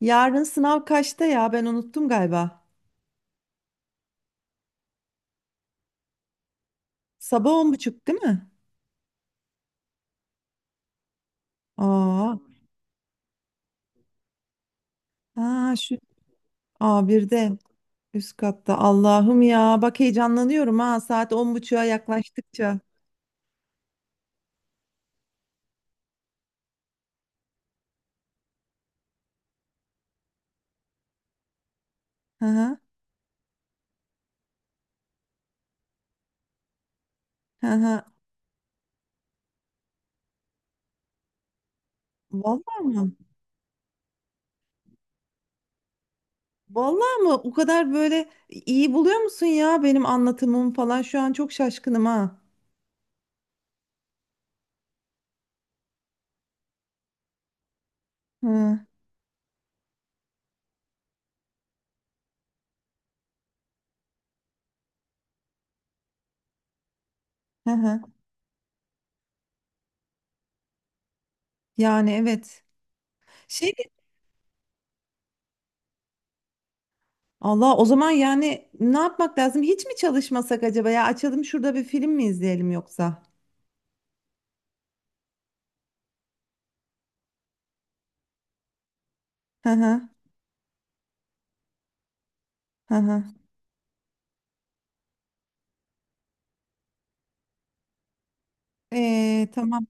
Yarın sınav kaçta ya? Ben unuttum galiba. Sabah on buçuk değil mi? Aa, ha şu A1'de üst katta. Allah'ım ya bak heyecanlanıyorum ha saat on buçuğa yaklaştıkça. Hı hı, hı hı. Vallahi mı? Vallahi mı? O kadar böyle iyi buluyor musun ya benim anlatımım falan? Şu an çok şaşkınım ha. Hı hı. Hı. Yani evet. Şey, Allah o zaman yani ne yapmak lazım? Hiç mi çalışmasak acaba ya? Açalım şurada bir film mi izleyelim yoksa? Hı hı, hı hı. Tamam.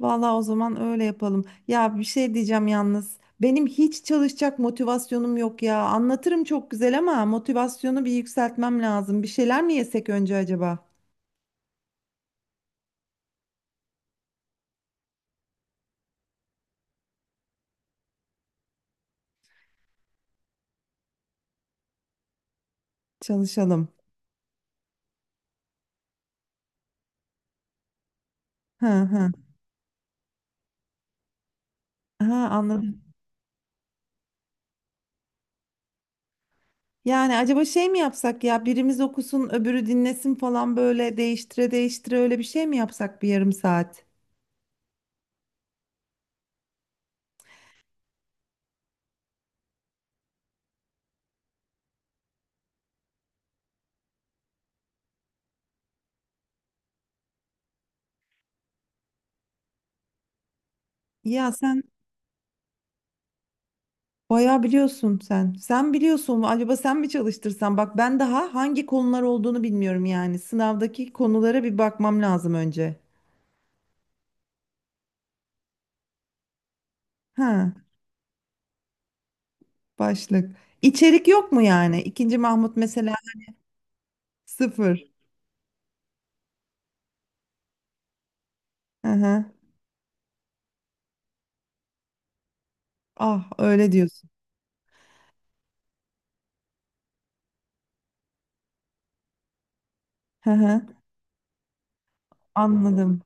Vallahi o zaman öyle yapalım. Ya bir şey diyeceğim yalnız. Benim hiç çalışacak motivasyonum yok ya. Anlatırım çok güzel ama motivasyonu bir yükseltmem lazım. Bir şeyler mi yesek önce acaba? Çalışalım. Hı hı. Ha, anladım. Yani acaba şey mi yapsak ya? Birimiz okusun, öbürü dinlesin falan böyle değiştire değiştire öyle bir şey mi yapsak bir yarım saat? Ya sen bayağı biliyorsun sen. Sen biliyorsun. Acaba sen mi çalıştırsan? Bak ben daha hangi konular olduğunu bilmiyorum yani. Sınavdaki konulara bir bakmam lazım önce. Ha, başlık. İçerik yok mu yani? İkinci Mahmut mesela sıfır. Hı hı. Ah öyle diyorsun. Hı hı. Anladım.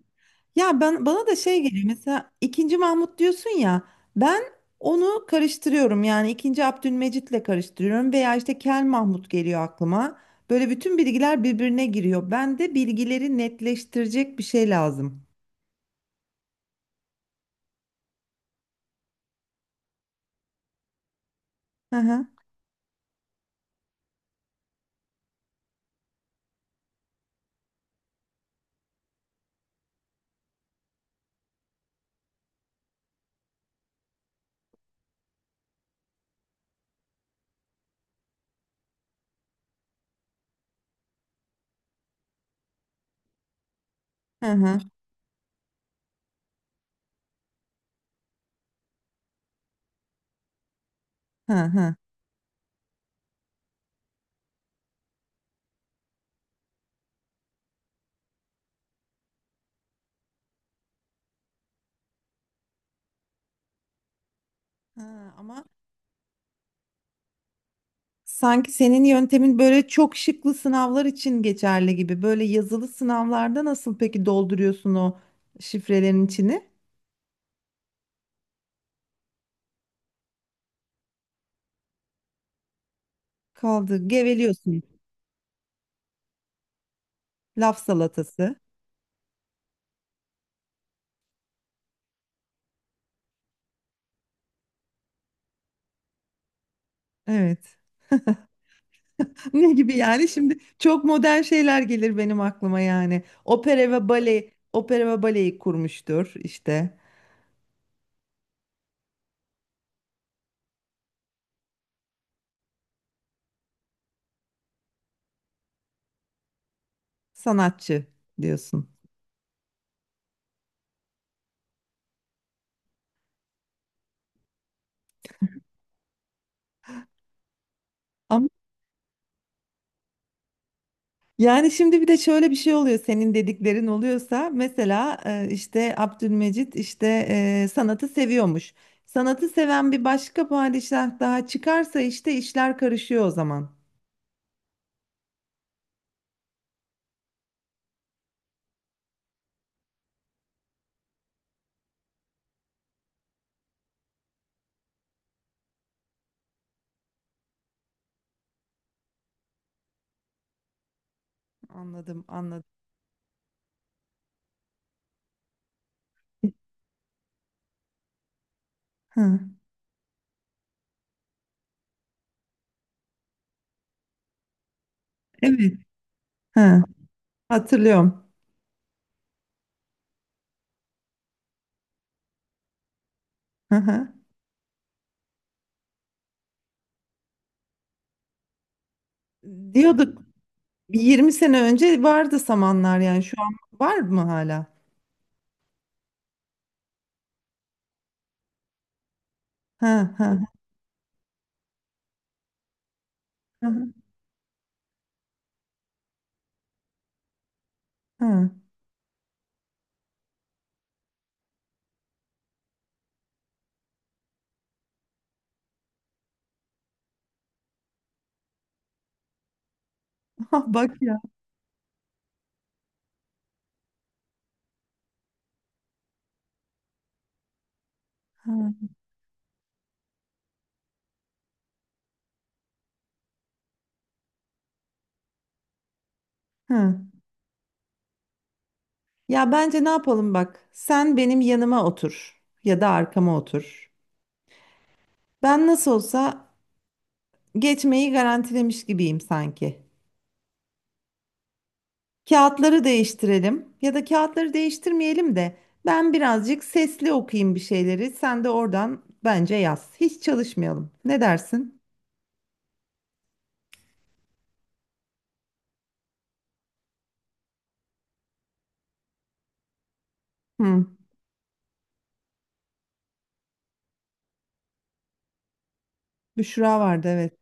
Ya ben bana da şey geliyor mesela ikinci Mahmut diyorsun ya, ben onu karıştırıyorum yani ikinci Abdülmecit'le karıştırıyorum veya işte Kel Mahmut geliyor aklıma. Böyle bütün bilgiler birbirine giriyor. Ben de bilgileri netleştirecek bir şey lazım. Hı hı, hı hı, hı hı. Ha, ama sanki senin yöntemin böyle çok şıklı sınavlar için geçerli gibi. Böyle yazılı sınavlarda nasıl peki dolduruyorsun o şifrelerin içini? Kaldı, geveliyorsun. Laf salatası. Evet. Ne gibi yani? Şimdi çok modern şeyler gelir benim aklıma yani. Opera ve bale, opera ve baleyi kurmuştur işte. Sanatçı diyorsun. Ama yani şimdi bir de şöyle bir şey oluyor senin dediklerin oluyorsa mesela işte Abdülmecit işte, sanatı seviyormuş. Sanatı seven bir başka padişah daha çıkarsa işte işler karışıyor o zaman. Anladım, anladım. Ha, evet. Ha, hatırlıyorum. Hı hı. Diyorduk. Bir 20 sene önce vardı samanlar yani şu an var mı hala? Ha ha, ha ha. Ha, bak ya. Ha, ha. Ya bence ne yapalım bak. Sen benim yanıma otur ya da arkama otur. Ben nasıl olsa geçmeyi garantilemiş gibiyim sanki. Kağıtları değiştirelim ya da kağıtları değiştirmeyelim de ben birazcık sesli okuyayım bir şeyleri. Sen de oradan bence yaz. Hiç çalışmayalım. Ne dersin? Hı. Büşra vardı evet.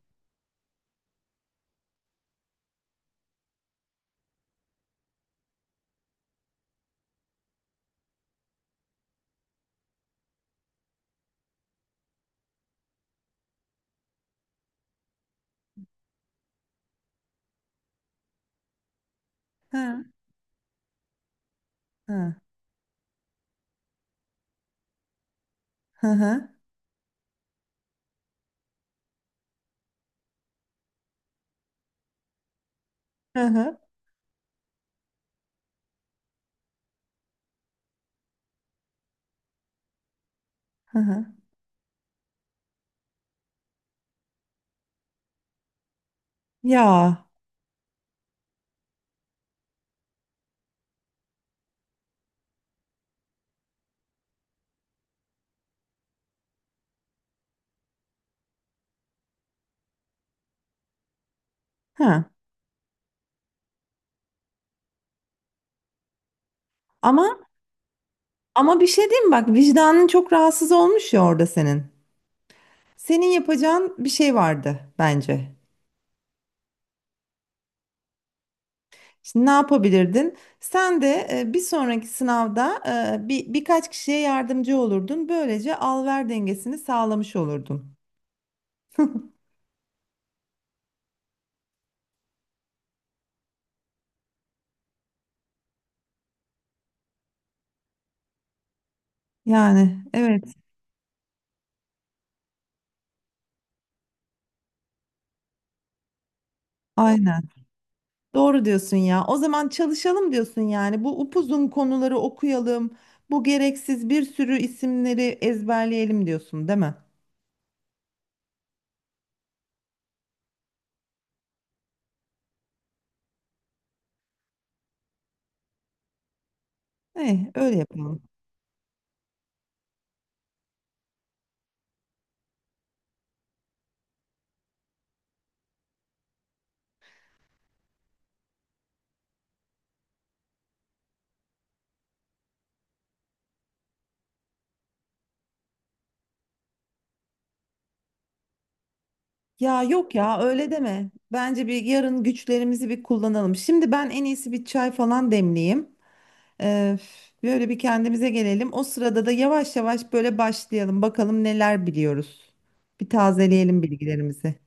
Ha, ha, hı hı. Hı hı, hı hı. Ya, ha. Ama, ama bir şey diyeyim mi? Bak vicdanın çok rahatsız olmuş ya orada senin. Senin yapacağın bir şey vardı bence. Şimdi ne yapabilirdin? Sen de bir sonraki sınavda birkaç kişiye yardımcı olurdun. Böylece al-ver dengesini sağlamış olurdun. Yani evet, aynen. Doğru diyorsun ya. O zaman çalışalım diyorsun yani. Bu upuzun konuları okuyalım. Bu gereksiz bir sürü isimleri ezberleyelim diyorsun, değil mi? Eh, öyle yapalım. Ya yok ya öyle deme. Bence bir yarın güçlerimizi bir kullanalım. Şimdi ben en iyisi bir çay falan demleyeyim. Ee, Böyle bir kendimize gelelim. O sırada da yavaş yavaş böyle başlayalım. Bakalım neler biliyoruz. Bir tazeleyelim bilgilerimizi.